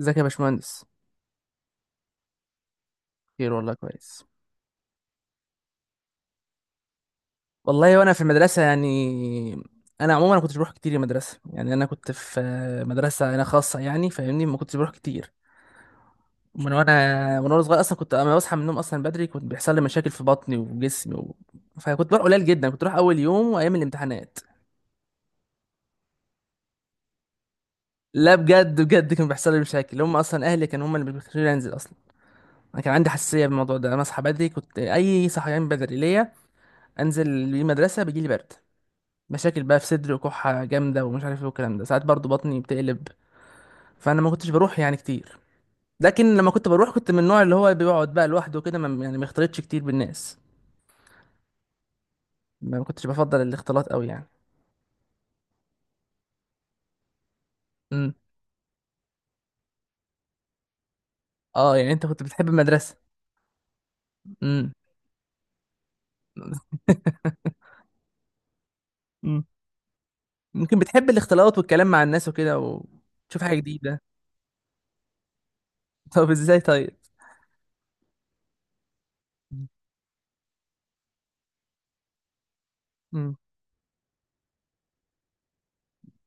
ازيك يا باشمهندس؟ خير والله كويس. والله وانا في المدرسه يعني، انا عموما ما كنتش بروح كتير المدرسه. يعني انا كنت في مدرسه انا خاصه يعني، فاهمني، ما كنتش بروح كتير من وانا صغير اصلا. كنت اما بصحى من النوم اصلا بدري كنت بيحصل لي مشاكل في بطني وجسمي. فكنت بروح قليل جدا، كنت بروح اول يوم وايام الامتحانات. لا بجد بجد كان بيحصل لي مشاكل، هم اصلا اهلي كانوا هم اللي بيخلوني انزل اصلا. انا كان عندي حساسيه بالموضوع ده، انا اصحى بدري كنت، اي، صحيان بدري ليا انزل المدرسه بيجي لي برد، مشاكل بقى في صدري وكحة جامدة ومش عارف ايه والكلام ده، ساعات برضو بطني بتقلب. فانا ما كنتش بروح يعني كتير. لكن لما كنت بروح كنت من النوع اللي هو بيقعد بقى لوحده كده، يعني ما يختلطش كتير بالناس. ما كنتش بفضل الاختلاط قوي يعني. امم. اه، يعني انت كنت بتحب المدرسة؟ امم. امم. ممكن بتحب الاختلاط والكلام مع الناس وكده وتشوف حاجة جديدة. طب ازاي طيب؟ امم.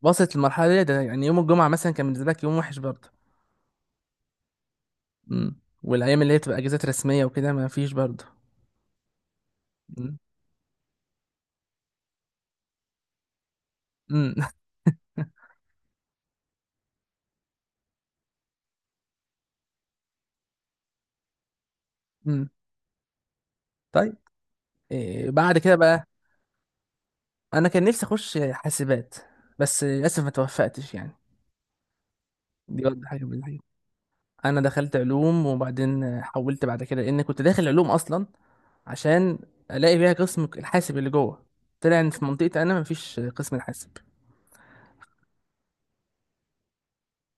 وصلت المرحلة دي، ده يعني يوم الجمعة مثلا كان بالنسبة لك يوم وحش برضه. امم. والايام اللي هي بتبقى اجازات رسمية وكده ما فيش برضه. امم. امم. امم. طيب، إيه بعد كده بقى؟ انا كان نفسي اخش حاسبات بس للاسف ما توفقتش يعني. دي برضه حاجه من الحاجات، انا دخلت علوم وبعدين حولت بعد كده، لان كنت داخل علوم اصلا عشان الاقي بيها قسم الحاسب اللي جوه. طلع ان في منطقتي انا مفيش قسم الحاسب.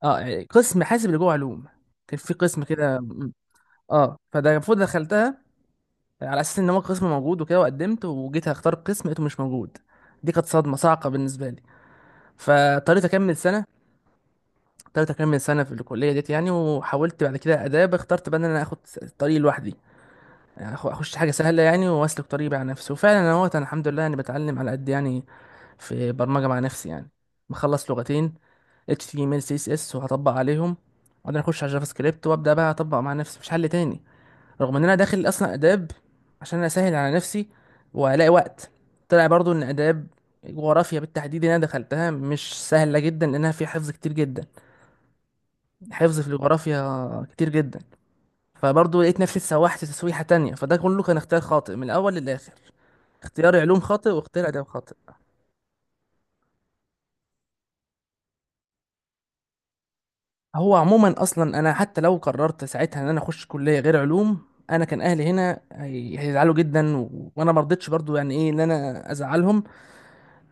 اه، يعني قسم حاسب اللي جوه علوم، كان في قسم كده. اه، فده المفروض دخلتها على اساس ان هو قسم موجود وكده. وقدمت وجيت اختار قسم لقيته مش موجود، دي كانت صدمه صعقه بالنسبه لي. فاضطريت اكمل سنه تالتة كام من سنة في الكلية ديت يعني. وحاولت بعد كده آداب، اخترت بقى إن أنا آخد الطريق لوحدي، يعني أخش حاجة سهلة يعني، وأسلك طريقي مع نفسي. وفعلا أنا اهوت، أنا الحمد لله يعني بتعلم على قد يعني في برمجة مع نفسي يعني. مخلص لغتين HTML CSS وهطبق عليهم، وبعدين أخش على جافا سكريبت وأبدأ بقى أطبق مع نفسي مفيش حل تاني، رغم إن أنا داخل أصلا آداب عشان أنا أسهل على نفسي وألاقي وقت. طلع برضو إن آداب جغرافيا بالتحديد اللي أنا دخلتها مش سهلة جدا، لأنها فيها حفظ كتير جدا، حفظ في الجغرافيا كتير جدا. فبرضه لقيت نفسي اتسوحت تسويحة تانية، فده كله كان اختيار خاطئ من الأول للآخر، اختياري علوم خاطئ واختياري آداب خاطئ. هو عموما أصلا أنا حتى لو قررت ساعتها إن أنا أخش كلية غير علوم، أنا كان أهلي هنا هيزعلوا جدا، وأنا مرضتش برضه يعني إيه إن أنا أزعلهم.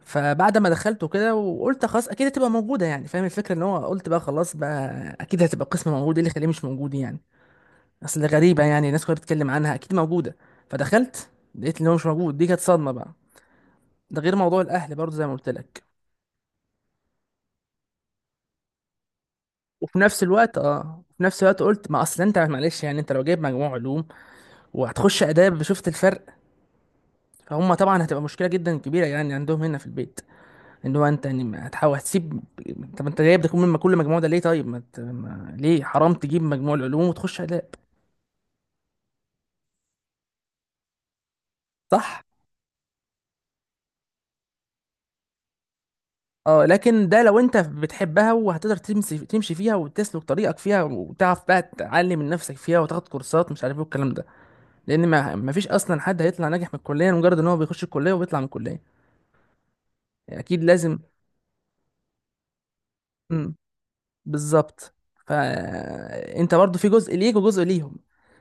فبعد ما دخلت وكده وقلت خلاص أكيد هتبقى موجودة، يعني فاهم الفكرة، إن هو قلت بقى خلاص بقى أكيد هتبقى قسم موجود، إيه اللي يخليه مش موجود يعني؟ اصل غريبه، يعني الناس كلها بتتكلم عنها اكيد موجوده. فدخلت لقيت ان هو مش موجود، دي كانت صدمه بقى. ده غير موضوع الاهل برضه زي ما قلت لك. وفي نفس الوقت قلت ما اصل انت معلش يعني، انت لو جايب مجموع علوم وهتخش اداب شفت الفرق، فهم طبعا هتبقى مشكله جدا كبيره يعني عندهم هنا في البيت، ان هو انت يعني هتحاول هتسيب. طب انت جايب ده، كل ما كل مجموع ده ليه؟ طيب ما... ت- ما... ليه حرام تجيب مجموع العلوم وتخش اداب؟ صح. اه، لكن ده لو انت بتحبها وهتقدر تمشي فيها وتسلك طريقك فيها وتعرف بقى تعلم من نفسك فيها وتاخد كورسات مش عارف ايه والكلام ده، لان ما فيش اصلا حد هيطلع ناجح من الكليه مجرد ان هو بيخش الكليه وبيطلع من الكليه، يعني اكيد لازم. امم. بالظبط. فانت برضو في جزء ليك وجزء ليهم،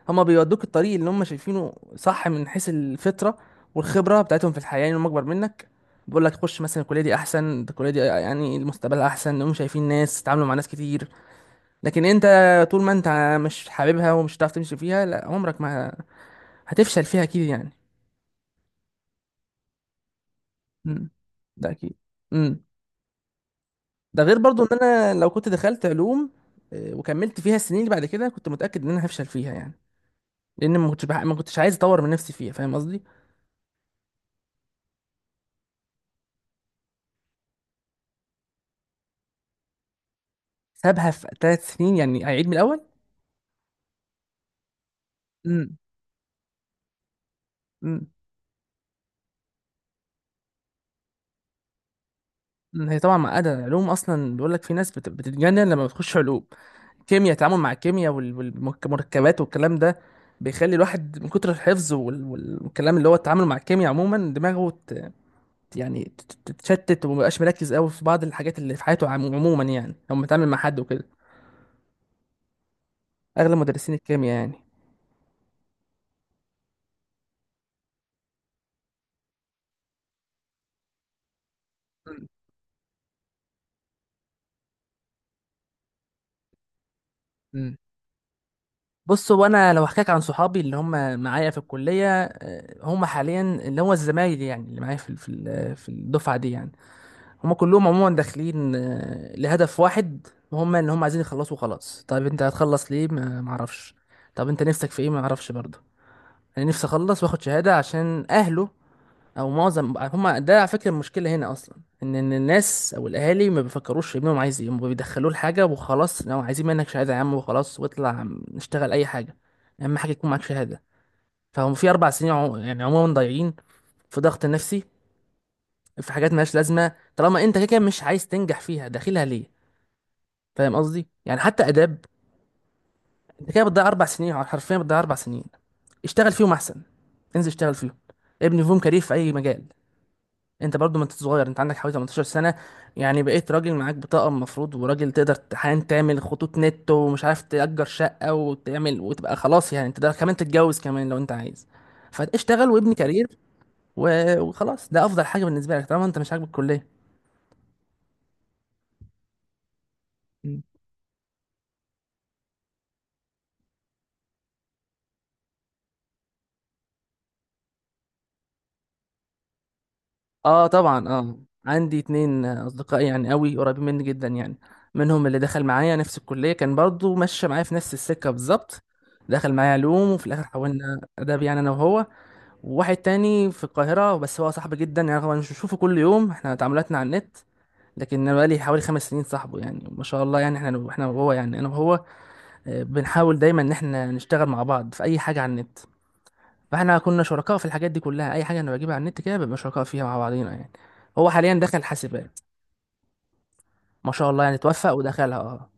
هما بيودوك الطريق اللي هم شايفينه صح من حيث الفطره والخبره بتاعتهم في الحياه، يعني هم اكبر منك، بيقول لك خش مثلا الكليه دي احسن، الكليه دي يعني المستقبل احسن، هم شايفين ناس تتعاملوا مع ناس كتير. لكن انت، طول ما انت مش حاببها ومش هتعرف تمشي فيها، لا عمرك ما، هتفشل فيها اكيد يعني. امم. ده اكيد. امم. ده غير برضو ان انا لو كنت دخلت علوم، وكملت فيها السنين اللي بعد كده كنت متاكد ان انا هفشل فيها يعني، لان ما كنتش عايز اطور من نفسي فيها، فاهم قصدي. سابها في 3 سنين يعني اعيد من الاول؟ امم. امم. هي طبعا معقده، العلوم اصلا بيقول لك في ناس بتتجنن لما بتخش علوم، كيمياء، التعامل مع الكيمياء والمركبات والكلام ده بيخلي الواحد من كتر الحفظ والكلام اللي هو التعامل مع الكيمياء عموما دماغه تتشتت ومبقاش مركز قوي في بعض الحاجات اللي في حياته عموما يعني، لما بيتعامل مع حد وكده، اغلب مدرسين الكيمياء يعني. مم. مم. بص، هو انا لو احكيك عن صحابي اللي هم معايا في الكليه، هم حاليا اللي هو الزمايل يعني اللي معايا في الدفعه دي يعني، هما كلهم عموما داخلين، لهدف واحد، وهم ان هم عايزين يخلصوا خلاص. طيب انت هتخلص ليه؟ ما اعرفش. طب انت نفسك في ايه؟ ما اعرفش برضه. انا نفسي اخلص واخد شهاده عشان اهله، او معظم هما ده على فكره المشكله هنا اصلا، إن الناس او الاهالي ما بيفكروش ابنهم عايز ايه، هما بيدخلوه لحاجه وخلاص، لو عايزين منك شهاده يا عم وخلاص، واطلع نشتغل اي حاجه، اهم حاجه يكون معاك شهاده. فهم في 4 سنين يعني عموما ضايعين في ضغط نفسي، في حاجات مالهاش لازمه، طالما انت كده كده مش عايز تنجح فيها داخلها ليه؟ فاهم قصدي، يعني حتى اداب، انت كده بتضيع 4 سنين، حرفيا بتضيع 4 سنين. اشتغل فيهم احسن، انزل اشتغل فيهم، ابني فيهم كارير في اي مجال. انت برضو ما انت صغير، انت عندك حوالي 18 سنه، يعني بقيت راجل، معاك بطاقه المفروض، وراجل تقدر حاليا تعمل خطوط نت ومش عارف تأجر شقه وتعمل وتبقى خلاص، يعني انت ده كمان تتجوز كمان لو انت عايز. فاشتغل وابني كارير وخلاص، ده افضل حاجه بالنسبه لك طالما انت مش عاجبك الكليه. اه طبعا اه. عندي اتنين اصدقاء يعني قوي، قريبين مني جدا يعني، منهم اللي دخل معايا نفس الكليه كان برضو ماشي معايا في نفس السكه بالظبط، دخل معايا علوم وفي الاخر حولنا اداب يعني انا وهو. وواحد تاني في القاهره، بس هو صاحبي جدا يعني، رغم إن مش بشوفه كل يوم احنا تعاملاتنا على النت، لكن انا بقالي حوالي 5 سنين صاحبه يعني، ما شاء الله يعني، احنا وهو، يعني انا وهو، بنحاول دايما ان احنا نشتغل مع بعض في اي حاجه على النت. فاحنا كنا شركاء في الحاجات دي كلها، اي حاجه انا بجيبها على النت كده بنبقى شركاء فيها مع بعضينا يعني. هو حاليا دخل حاسبات، ما شاء الله يعني توفق ودخلها. اه،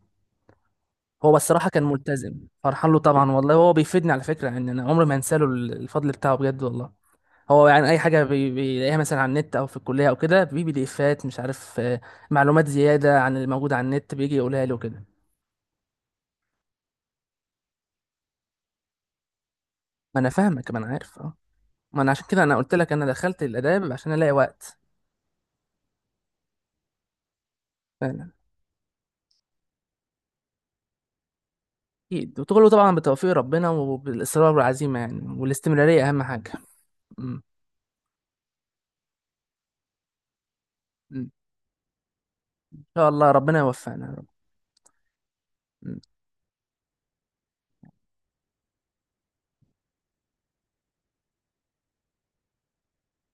هو بس الصراحه كان ملتزم، فرحان له طبعا والله، هو بيفيدني على فكره يعني، انا عمري ما انسى له الفضل بتاعه بجد والله. هو يعني اي حاجه بيلاقيها مثلا على النت او في الكليه او كده، بي دي افات مش عارف، معلومات زياده عن اللي موجود على النت بيجي يقولها لي وكده. ما انا فاهمك، ما انا عارف اه. ما انا عشان كده انا قلت لك انا دخلت الاداب عشان الاقي وقت. أكيد، وكله طبعا بتوفيق ربنا وبالإصرار والعزيمة يعني، والاستمرارية أهم حاجة. مم. مم. إن شاء الله ربنا يوفقنا يا رب. مم.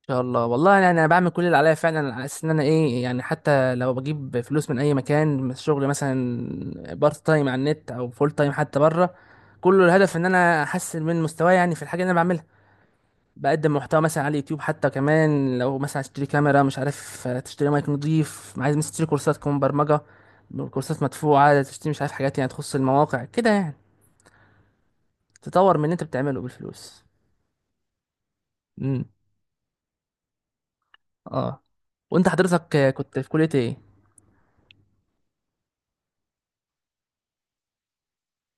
إن شاء الله والله، يعني أنا بعمل كل اللي عليا فعلا، على أساس إن أنا إيه، يعني حتى لو بجيب فلوس من أي مكان، من الشغل مثلا بارت تايم على النت أو فول تايم حتى بره، كله الهدف إن أنا أحسن من مستواي يعني في الحاجة اللي أنا بعملها. بقدم محتوى مثلا على اليوتيوب حتى، كمان لو مثلا عايز تشتري كاميرا مش عارف، تشتري مايك نضيف، عايز مثلا تشتري كورسات كمان برمجة، كورسات مدفوعة تشتري، مش عارف حاجات يعني تخص المواقع كده يعني، تطور من اللي انت بتعمله بالفلوس. امم. اه، وانت حضرتك، كنت في كلية ايه؟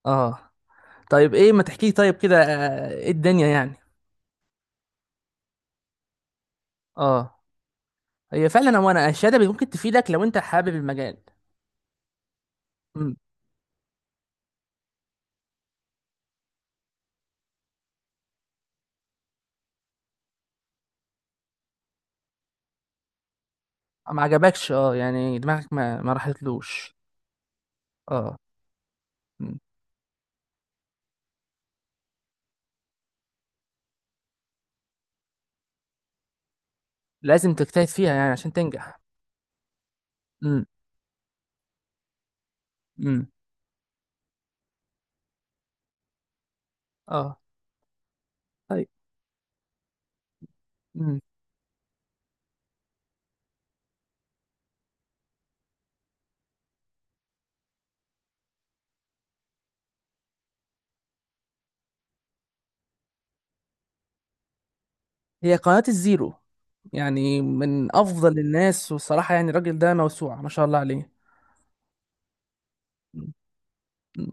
اه طيب، ايه ما تحكي طيب كده، ايه الدنيا يعني؟ اه، هي فعلا، هو انا الشهادة ممكن تفيدك لو انت حابب المجال. امم. ما عجبكش اه، يعني دماغك ما راحتلوش. اه، لازم تجتهد فيها يعني عشان تنجح. امم. امم. اه طيب. امم. هي قناة الزيرو، يعني من افضل الناس، والصراحة يعني الراجل ده موسوعة ما شاء الله عليه. مم.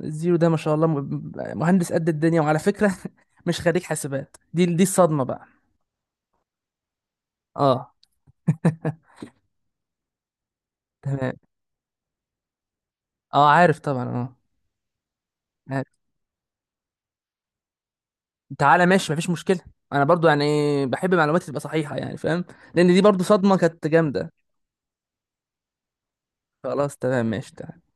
الزيرو ده ما شاء الله مهندس قد الدنيا، وعلى فكرة مش خريج حاسبات، دي الصدمة بقى. اه. تمام. اه عارف طبعا. اه عارف. تعالى ماشي مفيش مشكلة. انا برضو يعني بحب معلوماتي تبقى صحيحة، يعني فاهم. لان دي برضو صدمة كانت جامدة. خلاص تمام ماشي تعالى.